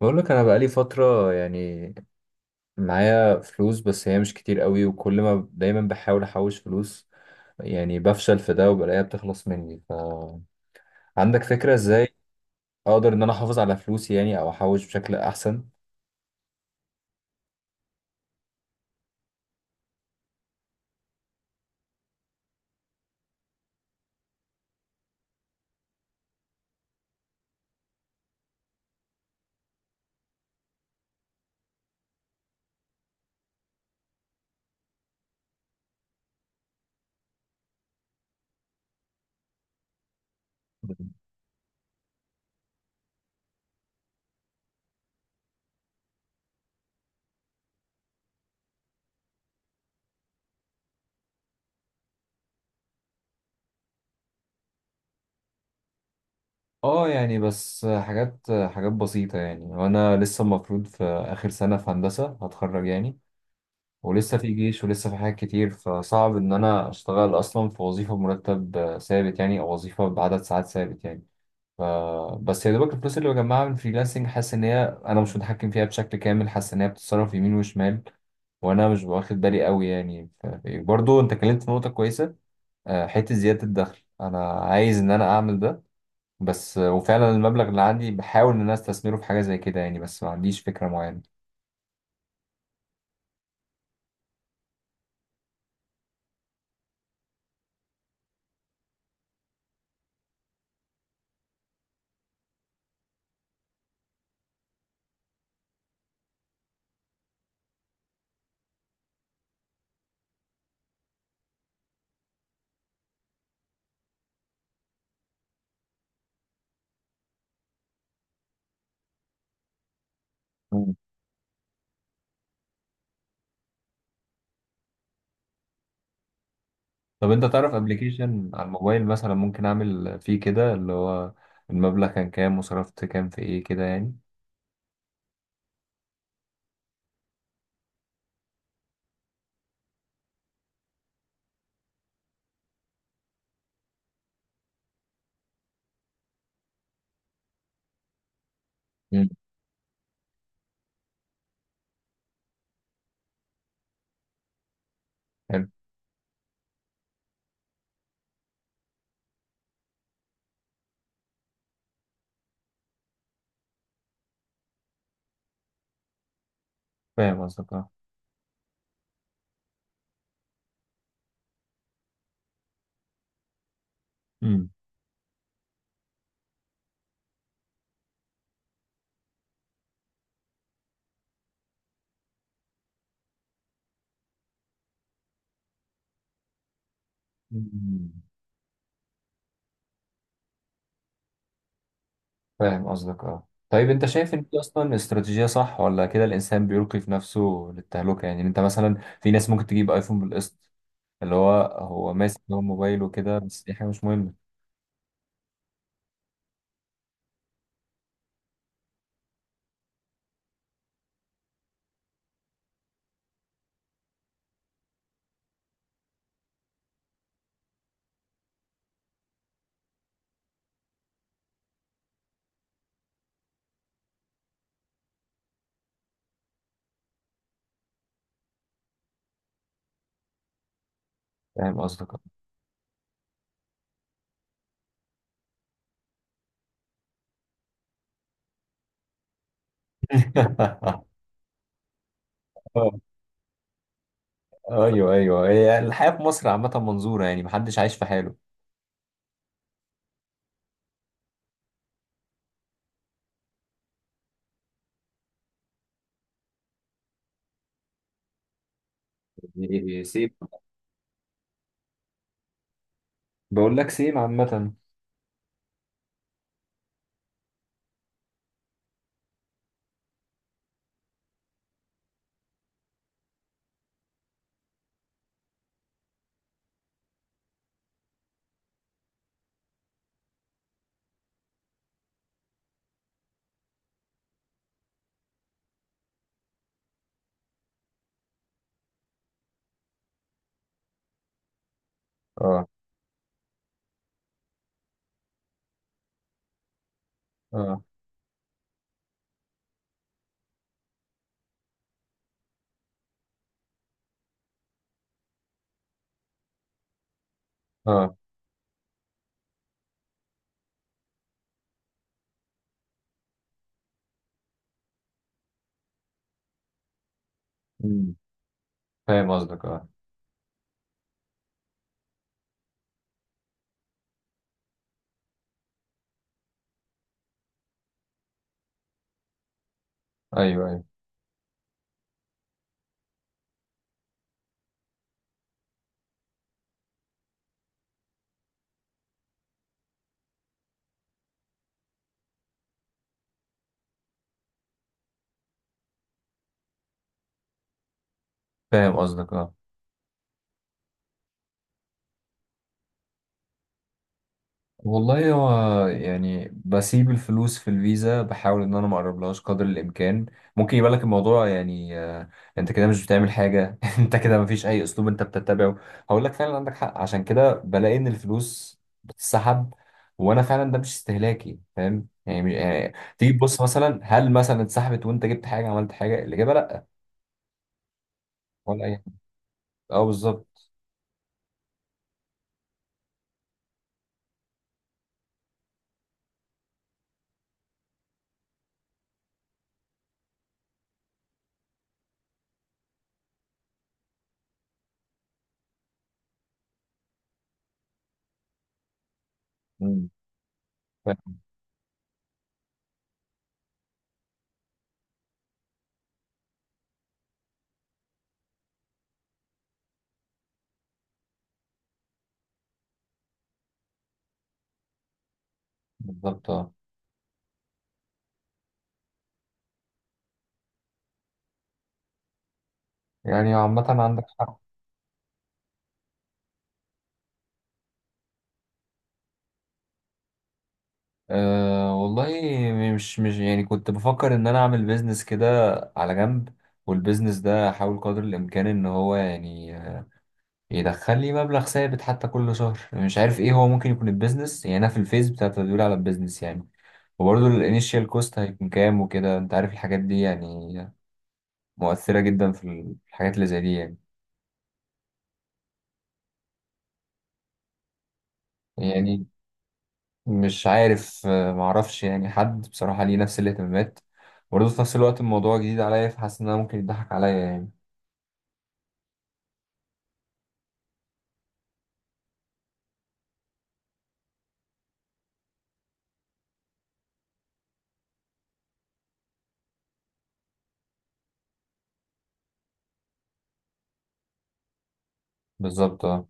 بقول لك انا بقالي فتره يعني معايا فلوس، بس هي مش كتير قوي، وكل ما دايما بحاول احوش فلوس يعني بفشل في ده، وبلاقيها بتخلص مني. ف عندك فكره ازاي اقدر ان انا احافظ على فلوسي يعني، او احوش بشكل احسن؟ اه، يعني بس حاجات حاجات بسيطة يعني، وانا لسه المفروض في اخر سنة في هندسة هتخرج يعني، ولسه في جيش ولسه في حاجات كتير، فصعب ان انا اشتغل اصلا في وظيفة بمرتب ثابت يعني، او وظيفة بعدد ساعات ثابت يعني. ف... بس يا دوبك الفلوس اللي بجمعها من فريلانسنج، حاسس ان هي انا مش متحكم فيها بشكل كامل، حاسس ان هي بتتصرف يمين وشمال، وانا مش واخد بالي قوي يعني. برضو انت اتكلمت في نقطة كويسة. حتة زيادة الدخل انا عايز ان انا اعمل ده. بس وفعلا المبلغ اللي عندي بحاول ان انا استثمره في حاجة زي كده يعني، بس ما عنديش فكرة معينة. مم. طب انت تعرف ابلكيشن على الموبايل مثلا ممكن اعمل فيه كده اللي هو المبلغ كان كام، وصرفت كام في ايه كده يعني. مم. حلو. فاهم قصدك، اه. مم. مم. فاهم قصدك، اه. طيب انت شايف ان دي اصلا استراتيجية صح، ولا كده الانسان بيلقي في نفسه للتهلكة يعني؟ انت مثلا في ناس ممكن تجيب ايفون بالقسط، اللي هو هو ماسك هو موبايل وكده، بس دي حاجة مش مهمة. فاهم قصدك اه. آه، ايوه ايوه، هي الحياة في مصر عامة منظورة يعني، محدش عايش في حاله. إيه، سيم. بقول لك سيم عامة. اه، اه، اه. أمم. فاهم قصدك، اه. ايوه، ايوه. فاهم قصدك، اه. والله هو يعني بسيب الفلوس في الفيزا، بحاول ان انا ما اقربلهاش قدر الامكان. ممكن يبقى لك الموضوع يعني انت كده مش بتعمل حاجه. انت كده ما فيش اي اسلوب انت بتتبعه. هقول لك فعلا عندك حق، عشان كده بلاقي ان الفلوس بتتسحب، وانا فعلا ده مش استهلاكي. فاهم يعني، يعني تيجي تبص مثلا هل مثلا اتسحبت وانت جبت حاجه، عملت حاجه؟ الاجابه لا، ولا اي حاجه. اه، بالظبط. مم. فاهم. بالظبط، اه. يعني عامه عندك حق. أه، والله مش يعني كنت بفكر ان انا اعمل بيزنس كده على جنب، والبيزنس ده احاول قدر الامكان ان هو يعني يدخل لي مبلغ ثابت حتى كل شهر، مش عارف ايه هو ممكن يكون البيزنس يعني، انا في الفيز بتاع التدوير على البيزنس يعني. وبرضه الانيشال كوست هيكون كام وكده، انت عارف الحاجات دي يعني، مؤثرة جدا في الحاجات اللي زي دي يعني. يعني مش عارف، معرفش يعني حد بصراحة ليه نفس الاهتمامات. برضه في نفس الوقت الموضوع جديد عليا، فحاسس ان انا ممكن يضحك عليا يعني. بالظبط، اه.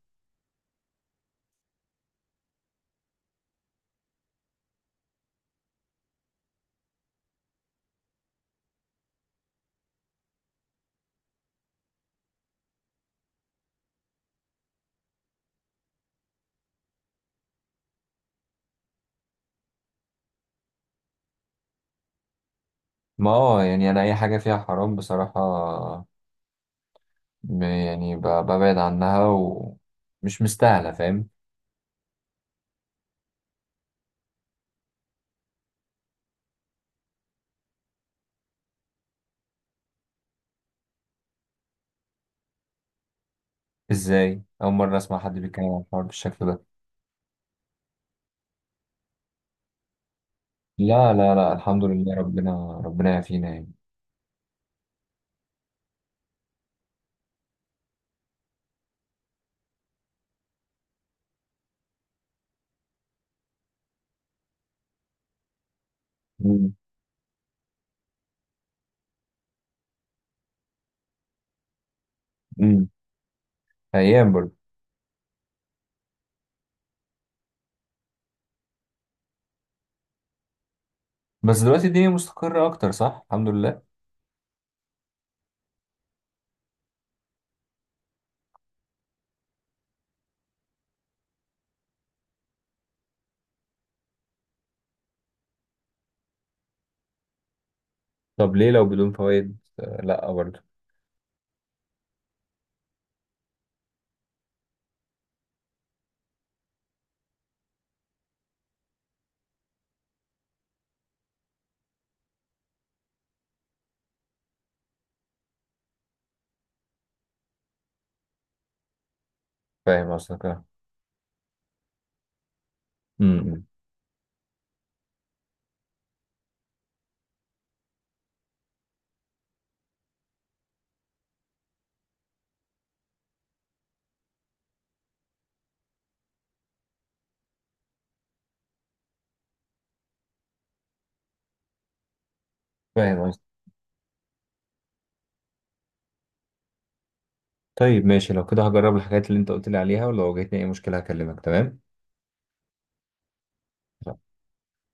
ما هو يعني انا اي حاجه فيها حرام بصراحه، يعني ببعد عنها، ومش مستاهله، فاهم. ازاي اول مره اسمع حد بيتكلم عن الحوار بالشكل ده؟ لا، لا، لا، الحمد لله، ربنا ربنا يعافينا يعني. امم. امم. ايام برضه. بس دلوقتي الدنيا مستقره اكتر، صح، الحمد لله. طب ليه؟ لو بدون فوائد لا، برضه. فاهم قصدك، اه. امم. فاهم قصدك. طيب، ماشي، لو كده هجرب الحاجات اللي انت قلت لي عليها، ولو واجهتني اي مشكله هكلمك، تمام.